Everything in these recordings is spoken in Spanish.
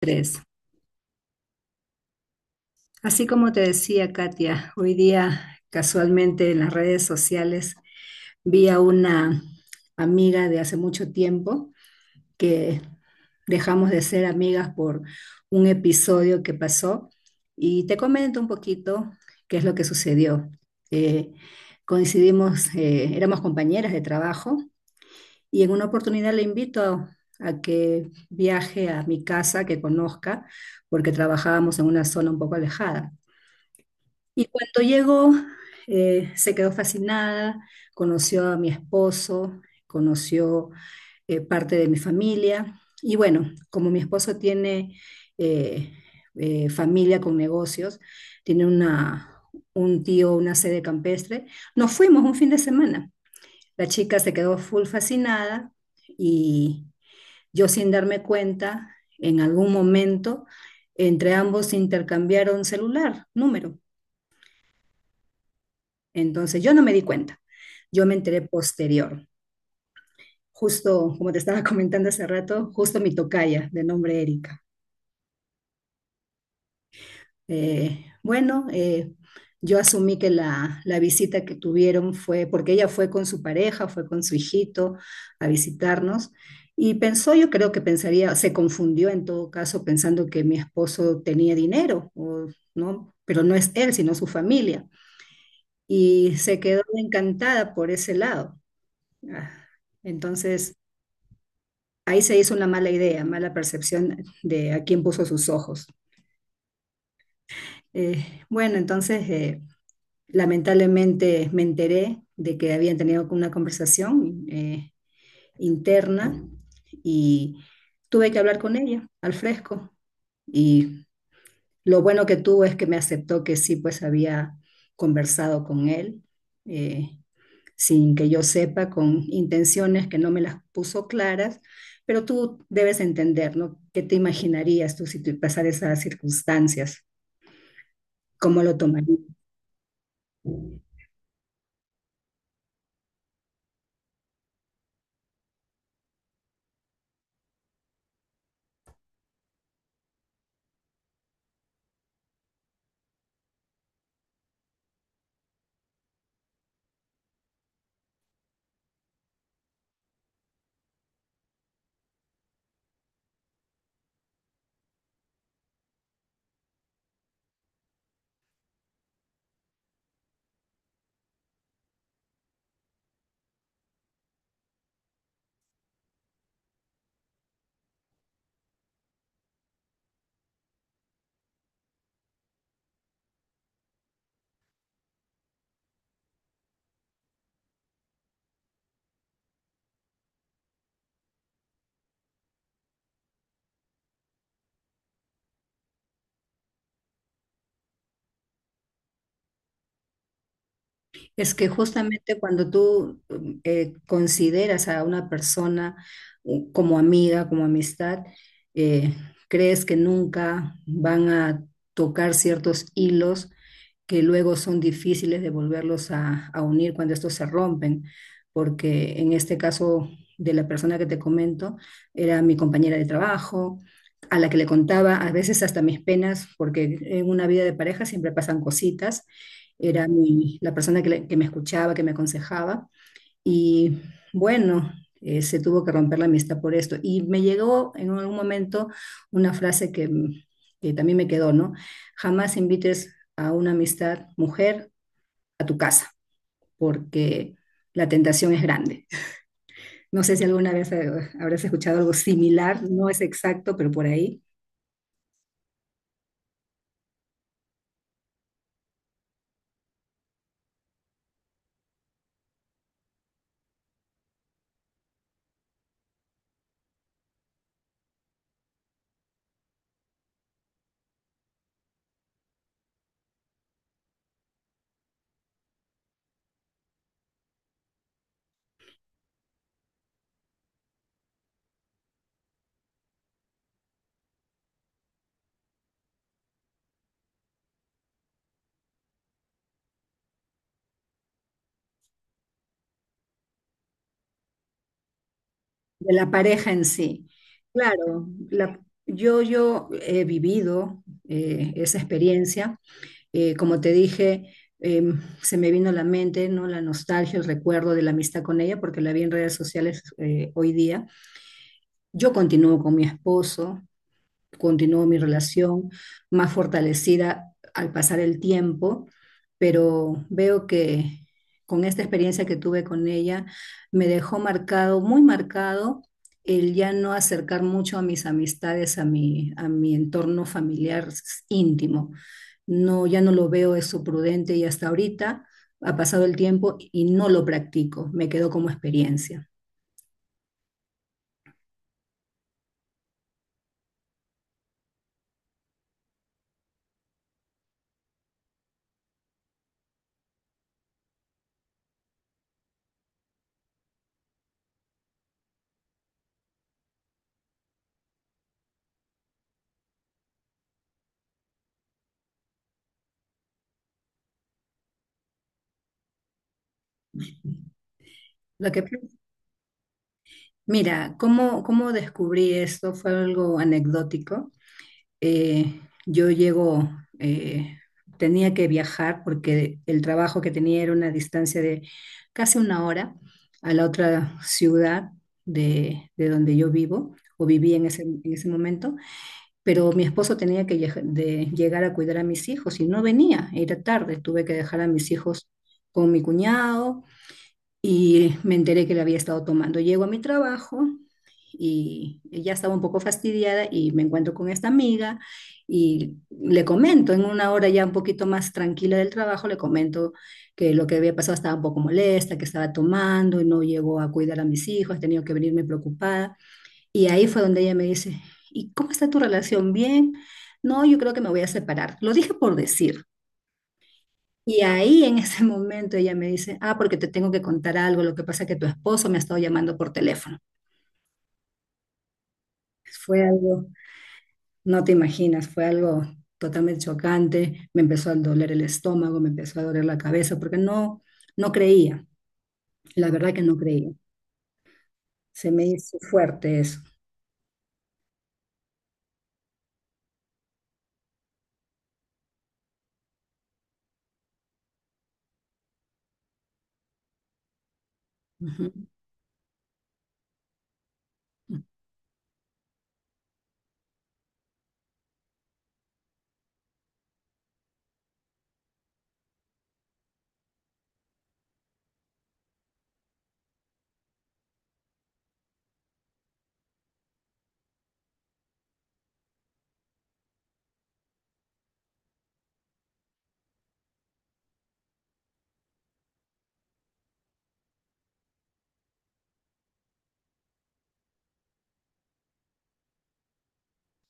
Tres. Así como te decía Katia, hoy día casualmente en las redes sociales vi a una amiga de hace mucho tiempo que dejamos de ser amigas por un episodio que pasó, y te comento un poquito qué es lo que sucedió. Eh, Coincidimos, éramos compañeras de trabajo y en una oportunidad le invito a que viaje a mi casa, que conozca, porque trabajábamos en una zona un poco alejada. Y cuando llegó, se quedó fascinada, conoció a mi esposo, conoció parte de mi familia. Y bueno, como mi esposo tiene eh, familia con negocios, tiene un tío, una sede campestre, nos fuimos un fin de semana. La chica se quedó full fascinada y yo, sin darme cuenta, en algún momento, entre ambos intercambiaron celular, número. Entonces yo no me di cuenta, yo me enteré posterior, justo como te estaba comentando hace rato, justo mi tocaya de nombre Erika. Eh, bueno, eh, yo asumí que la visita que tuvieron fue porque ella fue con su pareja, fue con su hijito a visitarnos, y pensó, yo creo que pensaría, se confundió en todo caso pensando que mi esposo tenía dinero, o, ¿no? Pero no es él, sino su familia. Y se quedó encantada por ese lado. Ah, Entonces, Ahí se hizo una mala idea, mala percepción de a quién puso sus ojos. Eh, bueno, entonces eh, lamentablemente me enteré de que habían tenido una conversación interna, y tuve que hablar con ella al fresco. Y lo bueno que tuvo es que me aceptó que sí, pues había conversado con él. eh, Sin que yo sepa, con intenciones que no me las puso claras, pero tú debes entender, ¿no? ¿Qué te imaginarías tú si te pasara esas circunstancias? ¿Cómo lo tomarías? Es que justamente cuando tú consideras a una persona como amiga, como amistad, eh, crees que nunca van a tocar ciertos hilos que luego son difíciles de volverlos a unir cuando estos se rompen, porque en este caso de la persona que te comento, era mi compañera de trabajo, a la que le contaba a veces hasta mis penas, porque en una vida de pareja siempre pasan cositas. Era la persona que, que me escuchaba, que me aconsejaba. Y bueno, se tuvo que romper la amistad por esto. Y me llegó en algún momento una frase que también me quedó, ¿no? Jamás invites a una amistad mujer a tu casa, porque la tentación es grande. No sé si alguna vez habrás escuchado algo similar, no es exacto, pero por ahí, de la pareja en sí. Claro, yo he vivido esa experiencia. Como te dije, eh, se me vino a la mente, ¿no? La nostalgia, el recuerdo de la amistad con ella, porque la vi en redes sociales hoy día. Yo continúo con mi esposo, continuó mi relación más fortalecida al pasar el tiempo, pero veo que con esta experiencia que tuve con ella, me dejó marcado, muy marcado, el ya no acercar mucho a mis amistades, a a mi entorno familiar íntimo. No, ya no lo veo eso prudente, y hasta ahorita ha pasado el tiempo y no lo practico, me quedó como experiencia. Lo que, mira, ¿cómo, descubrí esto? Fue algo anecdótico. Eh, yo llego, eh, tenía que viajar porque el trabajo que tenía era una distancia de casi una hora a la otra ciudad de donde yo vivo o viví en en ese momento. Pero mi esposo tenía que lleg- de llegar a cuidar a mis hijos y no venía, era tarde, tuve que dejar a mis hijos con mi cuñado y me enteré que le había estado tomando. Llego a mi trabajo y ya estaba un poco fastidiada y me encuentro con esta amiga y le comento, en una hora ya un poquito más tranquila del trabajo, le comento que lo que había pasado, estaba un poco molesta, que estaba tomando y no llegó a cuidar a mis hijos, he tenido que venirme preocupada. Y ahí fue donde ella me dice, ¿y cómo está tu relación? ¿Bien? No, yo creo que me voy a separar. Lo dije por decir. Y ahí en ese momento ella me dice, ah, porque te tengo que contar algo, lo que pasa es que tu esposo me ha estado llamando por teléfono. Fue algo, no te imaginas, fue algo totalmente chocante, me empezó a doler el estómago, me empezó a doler la cabeza, porque no, no creía, la verdad que no creía. Se me hizo fuerte eso. Ujú.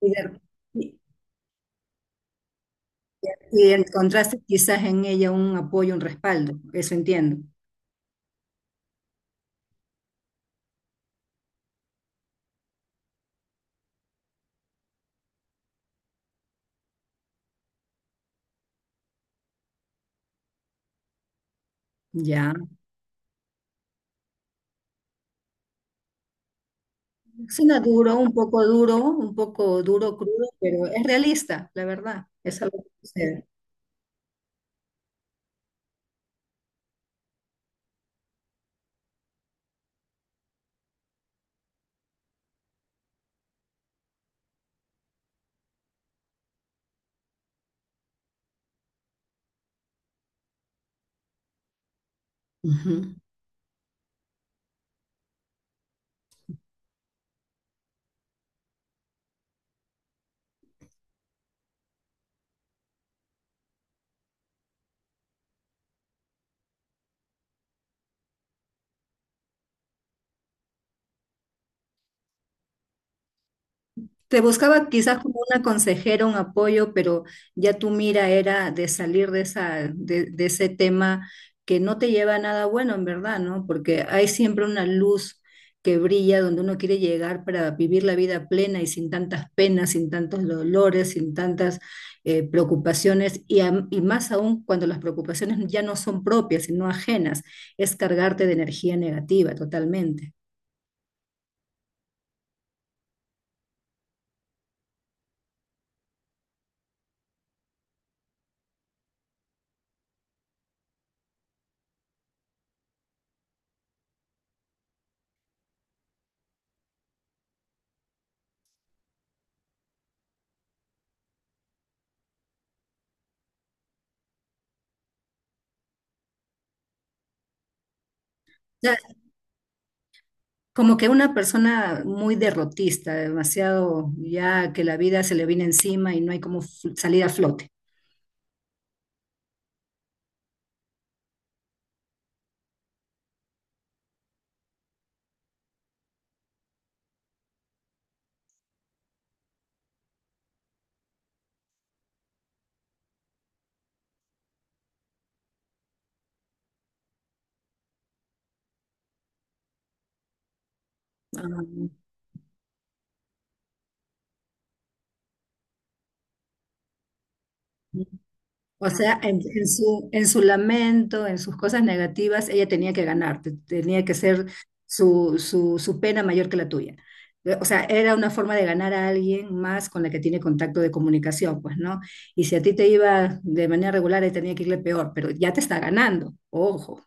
Y de- Y encontraste quizás en ella un apoyo, un respaldo, eso entiendo. Ya. Suena duro, un poco duro, un poco duro, crudo, pero es realista, la verdad. Es algo que sucede. Ujú. Te buscaba quizás como una consejera, un apoyo, pero ya tu mira era de salir de esa, de ese tema que no te lleva a nada bueno, en verdad, ¿no? Porque hay siempre una luz que brilla donde uno quiere llegar para vivir la vida plena y sin tantas penas, sin tantos dolores, sin tantas preocupaciones, y más aún cuando las preocupaciones ya no son propias, sino ajenas, es cargarte de energía negativa totalmente. Como que una persona muy derrotista, demasiado, ya que la vida se le viene encima y no hay como salir a flote. Ah, O sea, en su lamento, en sus cosas negativas, ella tenía que ganar, tenía que ser su pena mayor que la tuya. O sea, era una forma de ganar a alguien más con la que tiene contacto de comunicación, pues, ¿no? Y si a ti te iba de manera regular, ahí tenía que irle peor, pero ya te está ganando, ojo,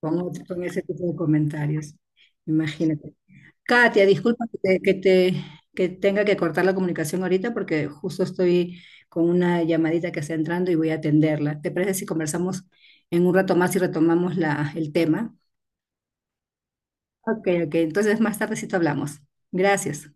con ese tipo de comentarios. Imagínate. Katia, disculpa que que tenga que cortar la comunicación ahorita, porque justo estoy con una llamadita que está entrando y voy a atenderla. ¿Te parece si conversamos en un rato más y retomamos el tema? Ok, ok, entonces más tardecito hablamos. Gracias.